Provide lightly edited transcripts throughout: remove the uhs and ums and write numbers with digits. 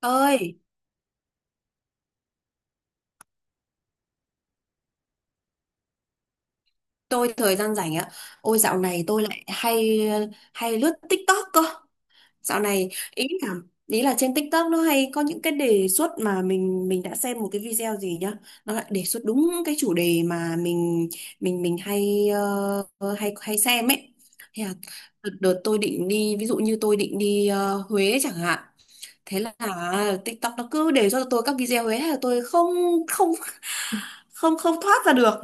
Ơi. Tôi thời gian rảnh ạ? Ôi dạo này tôi lại hay hay lướt TikTok cơ. Dạo này ý là ý là trên TikTok nó hay có những cái đề xuất mà mình đã xem một cái video gì nhá, nó lại đề xuất đúng cái chủ đề mà mình hay ờ, hay hay xem ấy. Thế là đợt tôi định đi, ví dụ như tôi định đi Huế chẳng hạn, thế là TikTok nó cứ đề xuất cho tôi các video ấy, thế là tôi không không không không thoát ra được.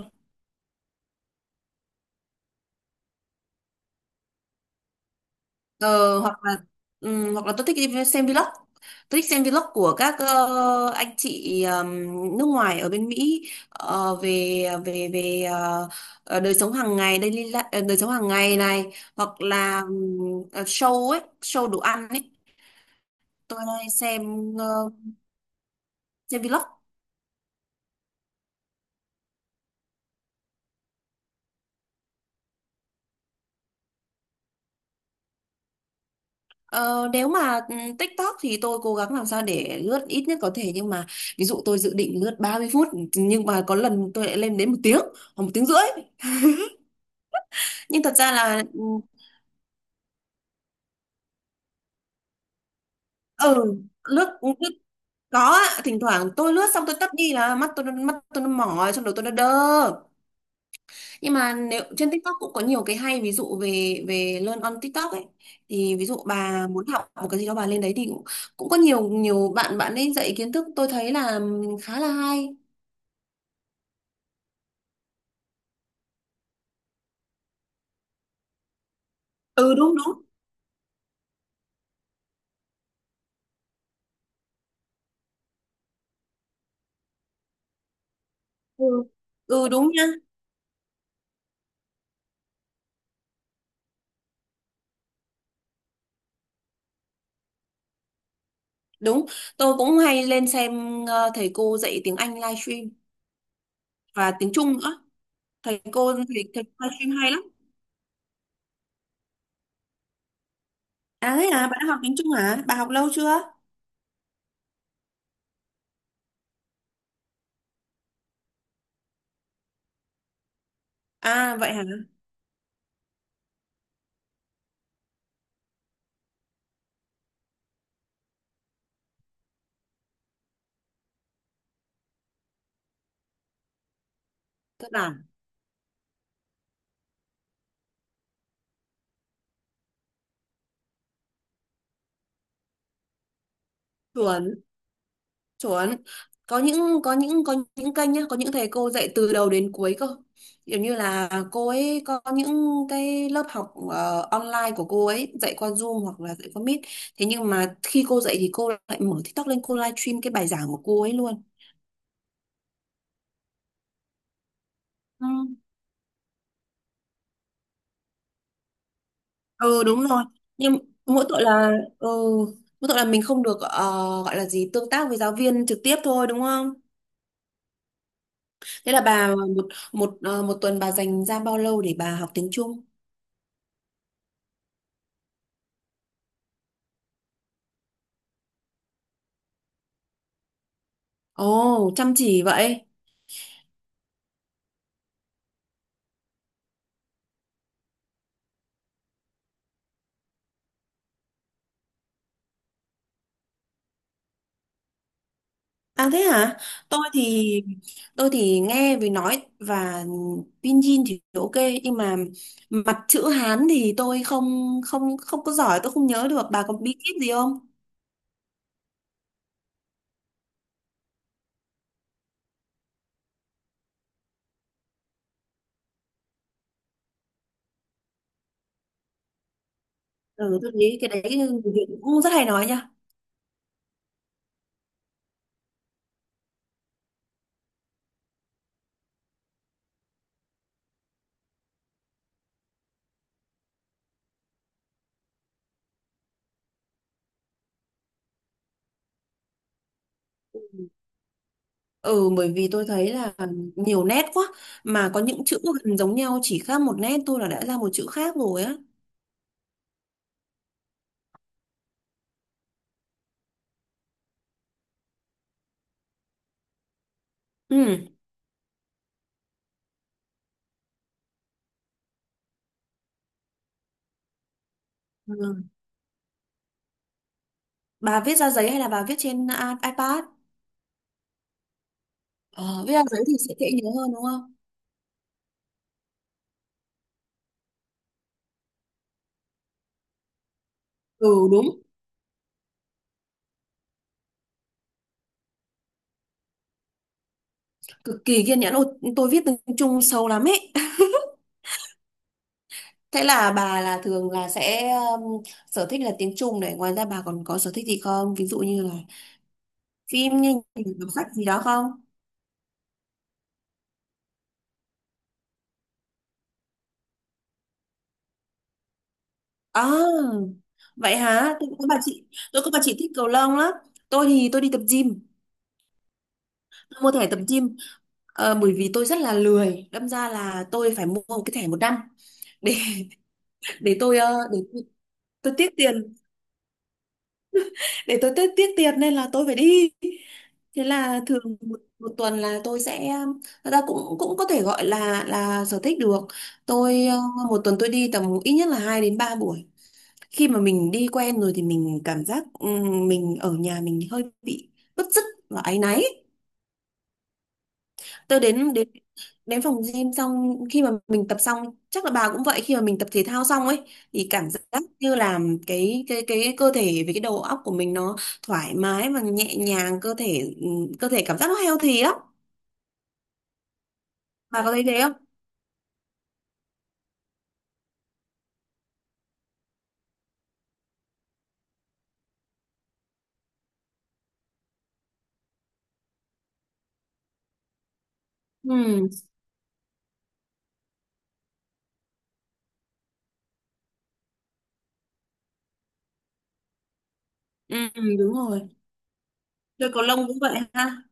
Ờ, hoặc là hoặc là tôi thích đi xem vlog. Tôi thích xem vlog của các anh chị nước ngoài ở bên Mỹ, ờ, về về về ờ, ờ, đời sống hàng ngày, đời sống hàng ngày này. Hoặc là show ấy, show đồ ăn ấy. Tôi hay xem vlog. Ờ, nếu mà TikTok thì tôi cố gắng làm sao để lướt ít nhất có thể, nhưng mà ví dụ tôi dự định lướt 30 phút, nhưng mà có lần tôi lại lên đến 1 tiếng hoặc 1 tiếng rưỡi. Nhưng thật ra là ừ lướt lướt Có ạ, thỉnh thoảng tôi lướt xong tôi tắt đi là mắt tôi nó mỏi, xong đầu tôi nó đơ. Nhưng mà nếu trên TikTok cũng có nhiều cái hay, ví dụ về về learn on TikTok ấy, thì ví dụ bà muốn học một cái gì đó bà lên đấy thì cũng có nhiều nhiều bạn bạn ấy dạy kiến thức, tôi thấy là khá là hay. Ừ đúng đúng. Ừ, ừ đúng nha. Đúng, tôi cũng hay lên xem thầy cô dạy tiếng Anh livestream và tiếng Trung nữa. Thầy cô thầy livestream hay lắm. À thế à, bạn đã học tiếng Trung hả? Bà học lâu chưa? À vậy hả? Cơ bản. Chuẩn, chuẩn. Có những kênh nhá, có những thầy cô dạy từ đầu đến cuối cơ. Kiểu như là cô ấy có những cái lớp học online của cô ấy, dạy qua Zoom hoặc là dạy qua Meet. Thế nhưng mà khi cô dạy thì cô lại mở TikTok lên, cô live stream cái bài giảng của cô ấy luôn. Ừ, ừ đúng rồi. Nhưng mỗi tội là ừ, mỗi tội là mình không được, gọi là gì, tương tác với giáo viên trực tiếp thôi đúng không? Thế là bà một một ờ, một tuần bà dành ra bao lâu để bà học tiếng Trung? Ồ, chăm chỉ vậy. À thế hả? Tôi thì tôi thì nghe về nói và pinyin thì ok, nhưng mà mặt chữ Hán thì tôi không không không có giỏi, tôi không nhớ được. Bà có bí kíp gì không? Ừ, tôi thấy cái đấy người Việt cũng rất hay nói nha. Ừ, bởi vì tôi thấy là nhiều nét quá, mà có những chữ gần giống nhau chỉ khác một nét thôi là đã ra một chữ khác rồi á. Ừ. Ừ. Bà viết ra giấy hay là bà viết trên iPad? Ờ, viết ra giấy thì sẽ dễ nhớ hơn đúng không? Ừ đúng, cực kỳ kiên nhẫn. Ôi, tôi viết tiếng Trung sâu lắm ấy. Thế là bà là thường là sẽ sở thích là tiếng Trung này. Ngoài ra bà còn có sở thích gì không? Ví dụ như là phim, như đọc sách gì đó không? À, vậy hả? Tôi có bà chị thích cầu lông lắm. Tôi thì tôi đi tập gym, mua thẻ tập gym. Ờ, bởi vì tôi rất là lười, đâm ra là tôi phải mua một cái thẻ một năm để để tôi tiếc tiền, để tôi tiết tiết tiền nên là tôi phải đi. Thế là thường một tuần là tôi sẽ, thật ra cũng cũng có thể gọi là sở thích được. tôi ờ, Một tuần tôi đi tầm ít nhất là 2 đến 3 buổi. Khi mà mình đi quen rồi thì mình cảm giác mình ở nhà mình hơi bị bứt rứt và áy náy. Tôi đến đến đến phòng gym, xong khi mà mình tập xong, chắc là bà cũng vậy, khi mà mình tập thể thao xong ấy thì cảm giác như là cái cơ thể với cái đầu óc của mình nó thoải mái và nhẹ nhàng, cơ thể cơ thể cảm giác nó healthy lắm, bà có thấy thế không? Ừ, ừ, ừ, đúng rồi, chơi cầu lông cũng vậy ha.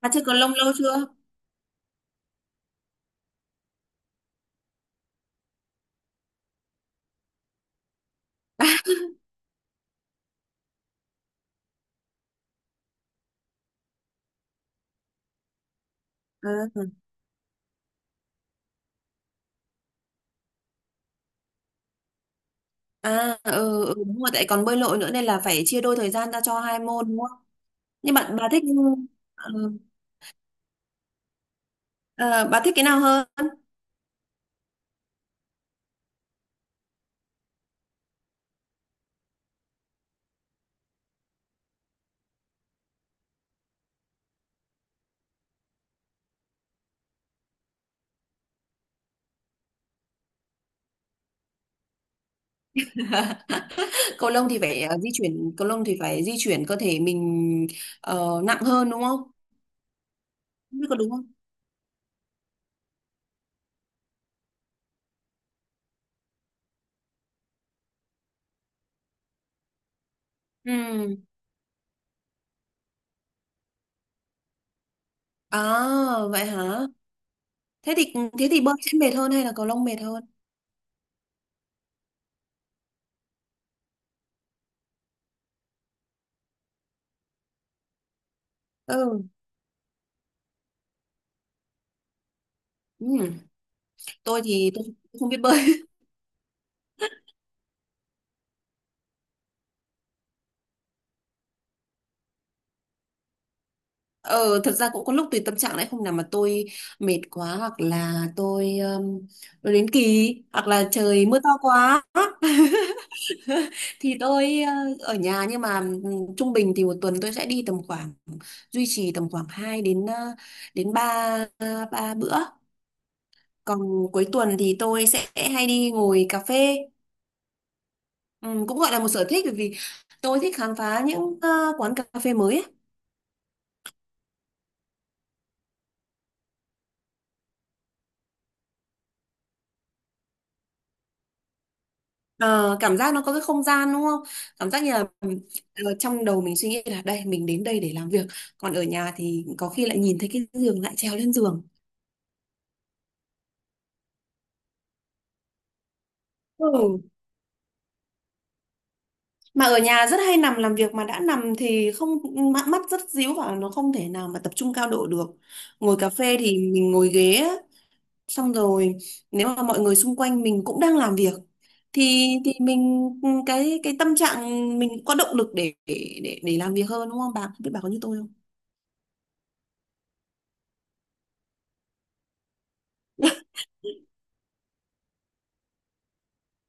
Bà chơi cầu lông lâu chưa? À, à, ừ, ừ, đúng rồi, tại còn bơi lội nữa nên là phải chia đôi thời gian ra cho hai môn đúng không? Nhưng bạn bà thích ừ, ờ, bà thích cái nào hơn? Cầu lông thì phải di chuyển, cầu lông thì phải di chuyển cơ thể mình nặng hơn đúng không, không biết có đúng không? Ừ. À vậy hả? Thế thì thế thì bơi sẽ mệt hơn hay là cầu lông mệt hơn? Ừ, ừ. Tôi không biết bơi. Ờ, thật ra cũng có lúc tùy tâm trạng đấy, hôm nào mà tôi mệt quá hoặc là tôi đến kỳ hoặc là trời mưa to quá thì ở nhà, nhưng mà trung bình thì một tuần tôi sẽ đi tầm khoảng, duy trì tầm khoảng 2 đến ờ, đến 3 ba bữa. Còn cuối tuần thì tôi sẽ hay đi ngồi cà phê. Ừ, cũng gọi là một sở thích bởi vì tôi thích khám phá những quán cà phê mới ấy. Ờ, cảm giác nó có cái không gian đúng không? Cảm giác như là trong đầu mình suy nghĩ là đây mình đến đây để làm việc, còn ở nhà thì có khi lại nhìn thấy cái giường lại trèo lên giường. Ừ. Mà ở nhà rất hay nằm làm việc, mà đã nằm thì không, mắt rất díu và nó không thể nào mà tập trung cao độ được. Ngồi cà phê thì mình ngồi ghế á, xong rồi nếu mà mọi người xung quanh mình cũng đang làm việc thì mình, cái tâm trạng mình cũng có động lực để làm việc hơn, đúng không bà, không biết bà có như tôi không?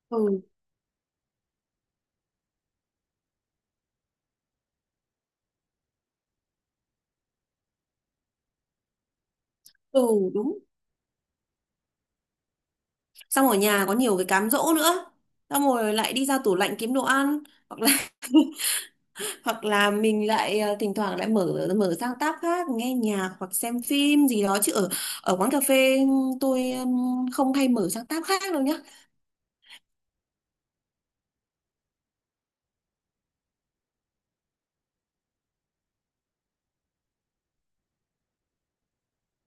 Ừ. Ừ đúng. Xong ở nhà có nhiều cái cám dỗ nữa, xong rồi lại đi ra tủ lạnh kiếm đồ ăn hoặc là hoặc là mình lại thỉnh thoảng lại mở mở sang tab khác nghe nhạc hoặc xem phim gì đó. Chứ ở ở quán cà phê tôi không hay mở sang tab khác đâu nhá.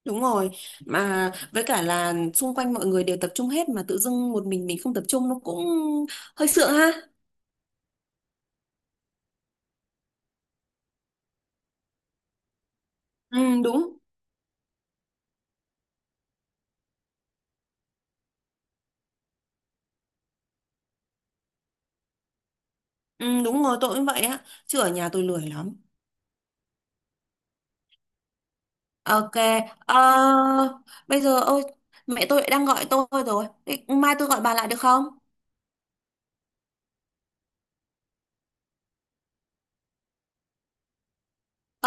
Đúng rồi, mà với cả là xung quanh mọi người đều tập trung hết mà tự dưng một mình không tập trung nó cũng hơi sượng ha. Ừ đúng. Ừ, đúng rồi, tôi cũng vậy á chứ ở nhà tôi lười lắm. Ok. ờ, Bây giờ ôi, mẹ tôi lại đang gọi tôi rồi. Thế mai tôi gọi bà lại được không?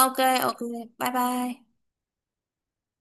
Ok. Ok. Bye bye.